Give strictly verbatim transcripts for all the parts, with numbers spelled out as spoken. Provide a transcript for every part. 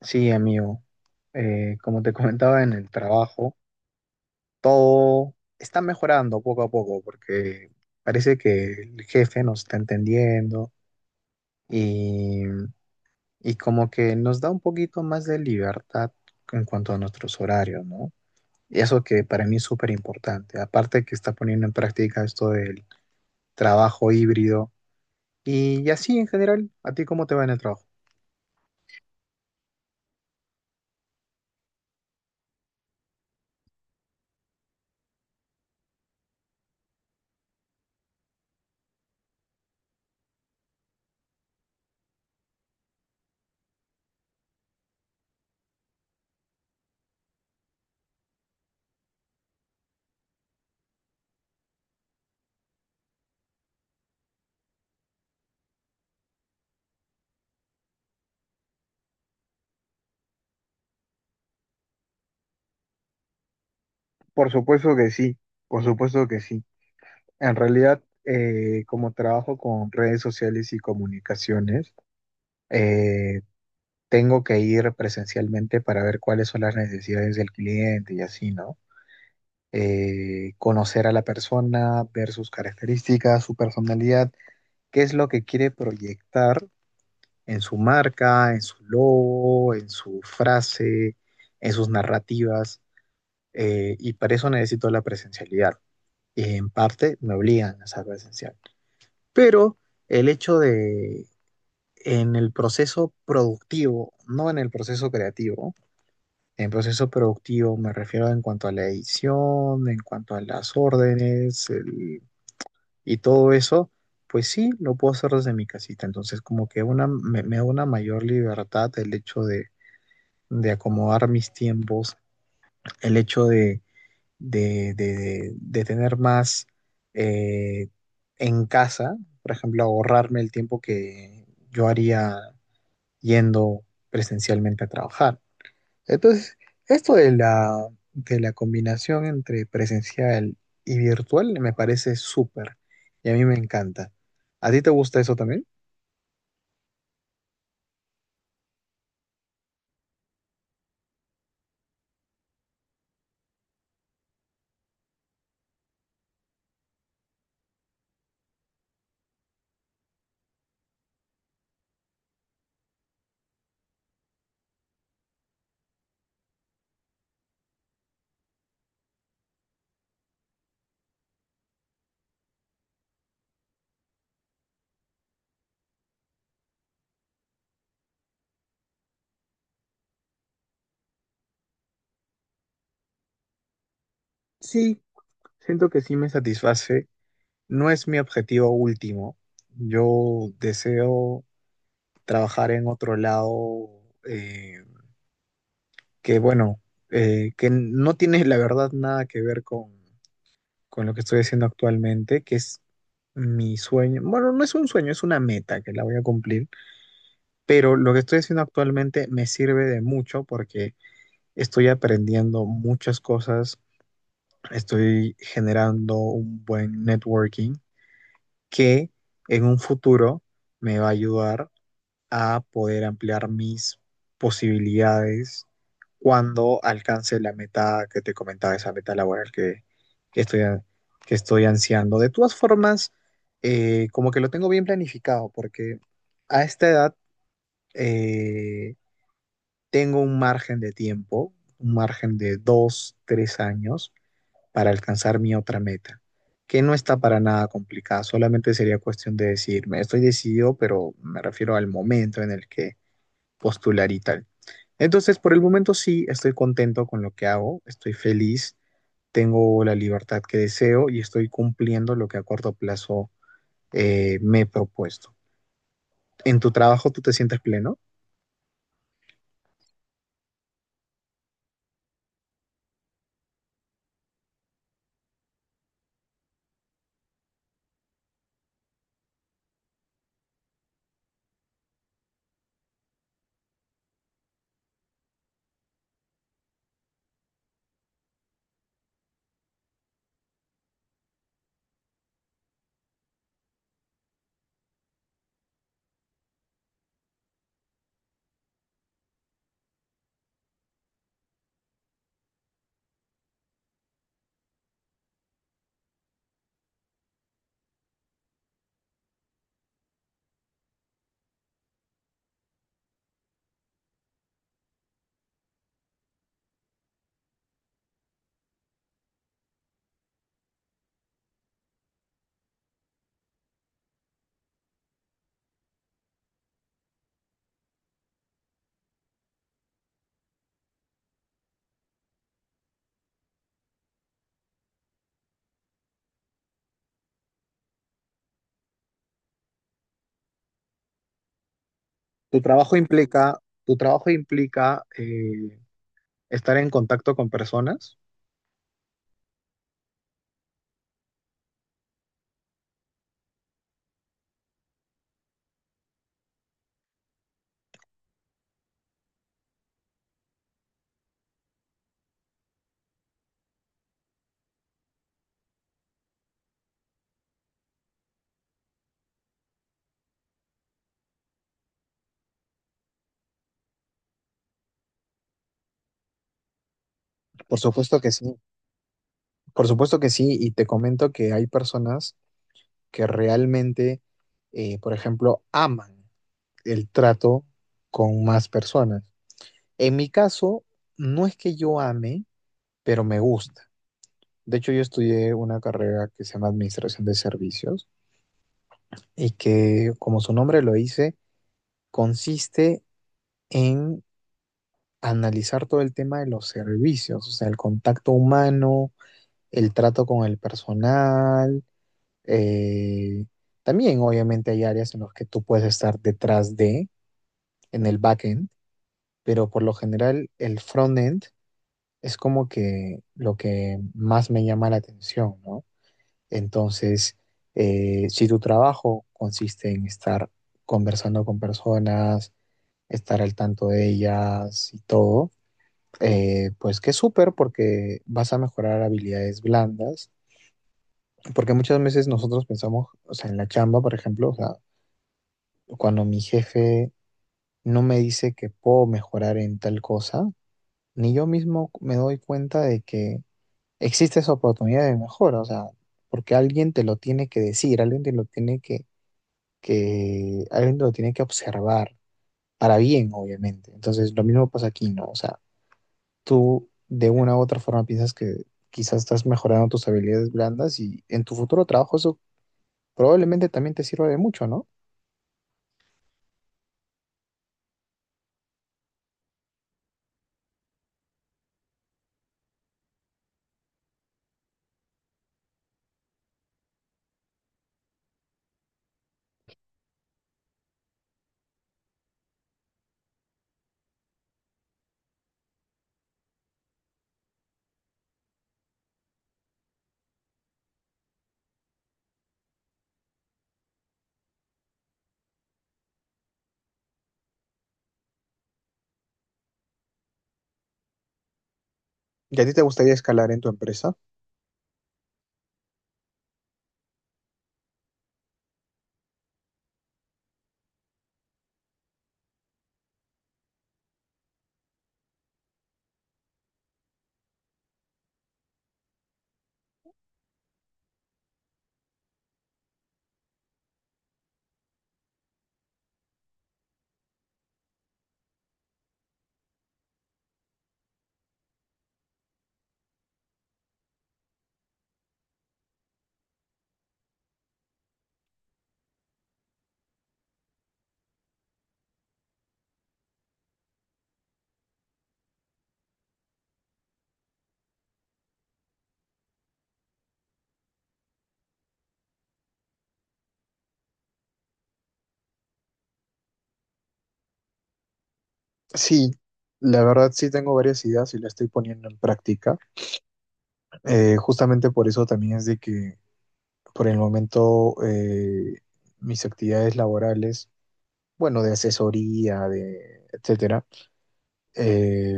Sí, amigo. Eh, como te comentaba en el trabajo, todo está mejorando poco a poco porque parece que el jefe nos está entendiendo y, y como que nos da un poquito más de libertad en cuanto a nuestros horarios, ¿no? Y eso que para mí es súper importante. Aparte que está poniendo en práctica esto del trabajo híbrido y, y así en general, ¿a ti cómo te va en el trabajo? Por supuesto que sí, por supuesto que sí. En realidad, eh, como trabajo con redes sociales y comunicaciones, eh, tengo que ir presencialmente para ver cuáles son las necesidades del cliente y así, ¿no? Eh, conocer a la persona, ver sus características, su personalidad, qué es lo que quiere proyectar en su marca, en su logo, en su frase, en sus narrativas, eh, y para eso necesito la presencialidad. Y en parte me obligan a ser presencial. Pero el hecho de en el proceso productivo, no en el proceso creativo, en proceso productivo me refiero en cuanto a la edición, en cuanto a las órdenes el- y todo eso, pues sí, lo puedo hacer desde mi casita. Entonces como que una, me, me da una mayor libertad el hecho de, de acomodar mis tiempos, el hecho de de, de- de tener más eh, en casa, por ejemplo, ahorrarme el tiempo que yo haría yendo presencialmente a trabajar. Entonces, esto de la, de la combinación entre presencial y virtual me parece súper y a mí me encanta. ¿A ti te gusta eso también? Sí, siento que sí me satisface. No es mi objetivo último. Yo deseo trabajar en otro lado, que bueno, eh, que no tiene la verdad nada que ver con, con lo que estoy haciendo actualmente, que es mi sueño. Bueno, no es un sueño, es una meta que la voy a cumplir, pero lo que estoy haciendo actualmente me sirve de mucho porque estoy aprendiendo muchas cosas, estoy generando un buen networking que en un futuro me va a ayudar a poder ampliar mis posibilidades cuando alcance la meta que te comentaba, esa meta laboral que, que estoy, que estoy ansiando. De todas formas, eh, como que lo tengo bien planificado, porque a esta edad eh, tengo un margen de tiempo, un margen de dos, tres años para alcanzar mi otra meta, que no está para nada complicada, solamente sería cuestión de decidirme. Estoy decidido, pero me refiero al momento en el que postular y tal. Entonces, por el momento sí, estoy contento con lo que hago, estoy feliz, tengo la libertad que deseo y estoy cumpliendo lo que a corto plazo eh, me he propuesto. ¿En tu trabajo tú te sientes pleno? ¿Tu trabajo implica, tu trabajo implica eh, estar en contacto con personas? Por supuesto que sí, por supuesto que sí, y te comento que hay personas que realmente, eh, por ejemplo, aman el trato con más personas. En mi caso, no es que yo ame, pero me gusta. De hecho, yo estudié una carrera que se llama Administración de Servicios y que, como su nombre lo dice, consiste en analizar todo el tema de los servicios, o sea, el contacto humano, el trato con el personal. eh, También, obviamente, hay áreas en las que tú puedes estar detrás de, en el backend, pero por lo general, el frontend es como que lo que más me llama la atención, ¿no? Entonces, eh, si tu trabajo consiste en estar conversando con personas, estar al tanto de ellas y todo, eh, pues que súper porque vas a mejorar habilidades blandas, porque muchas veces nosotros pensamos, o sea, en la chamba, por ejemplo, o sea, cuando mi jefe no me dice que puedo mejorar en tal cosa, ni yo mismo me doy cuenta de que existe esa oportunidad de mejora, o sea, porque alguien te lo tiene que decir, alguien te lo tiene que, que, alguien te lo tiene que observar, para bien, obviamente. Entonces, lo mismo pasa aquí, ¿no? O sea, tú de una u otra forma piensas que quizás estás mejorando tus habilidades blandas y en tu futuro trabajo eso probablemente también te sirva de mucho, ¿no? ¿Y a ti te gustaría escalar en tu empresa? Sí, la verdad sí tengo varias ideas y las estoy poniendo en práctica. Eh, justamente por eso también es de que por el momento, eh, mis actividades laborales, bueno, de asesoría, de etcétera, eh,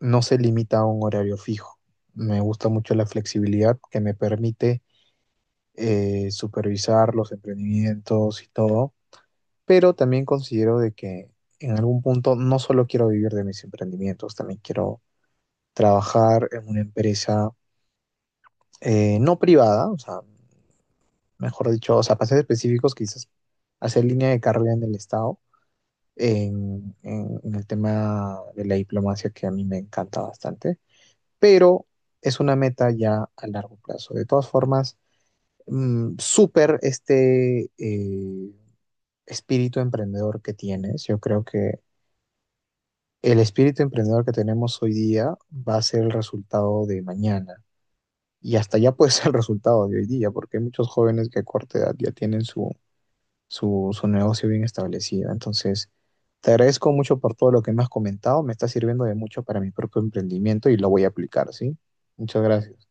no se limita a un horario fijo. Me gusta mucho la flexibilidad que me permite eh, supervisar los emprendimientos y todo, pero también considero de que en algún punto no solo quiero vivir de mis emprendimientos, también quiero trabajar en una empresa eh, no privada, o sea, mejor dicho, o sea, para ser específicos, quizás hacer línea de carrera en el Estado, en, en- en el tema de la diplomacia que a mí me encanta bastante, pero es una meta ya a largo plazo. De todas formas, mm, súper este eh, espíritu emprendedor que tienes. Yo creo que el espíritu emprendedor que tenemos hoy día va a ser el resultado de mañana. Y hasta ya puede ser el resultado de hoy día, porque hay muchos jóvenes que a corta edad ya tienen su su, su negocio bien establecido. Entonces, te agradezco mucho por todo lo que me has comentado, me está sirviendo de mucho para mi propio emprendimiento y lo voy a aplicar, ¿sí? Muchas gracias.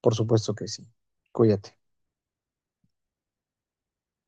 Por supuesto que sí. Cuídate.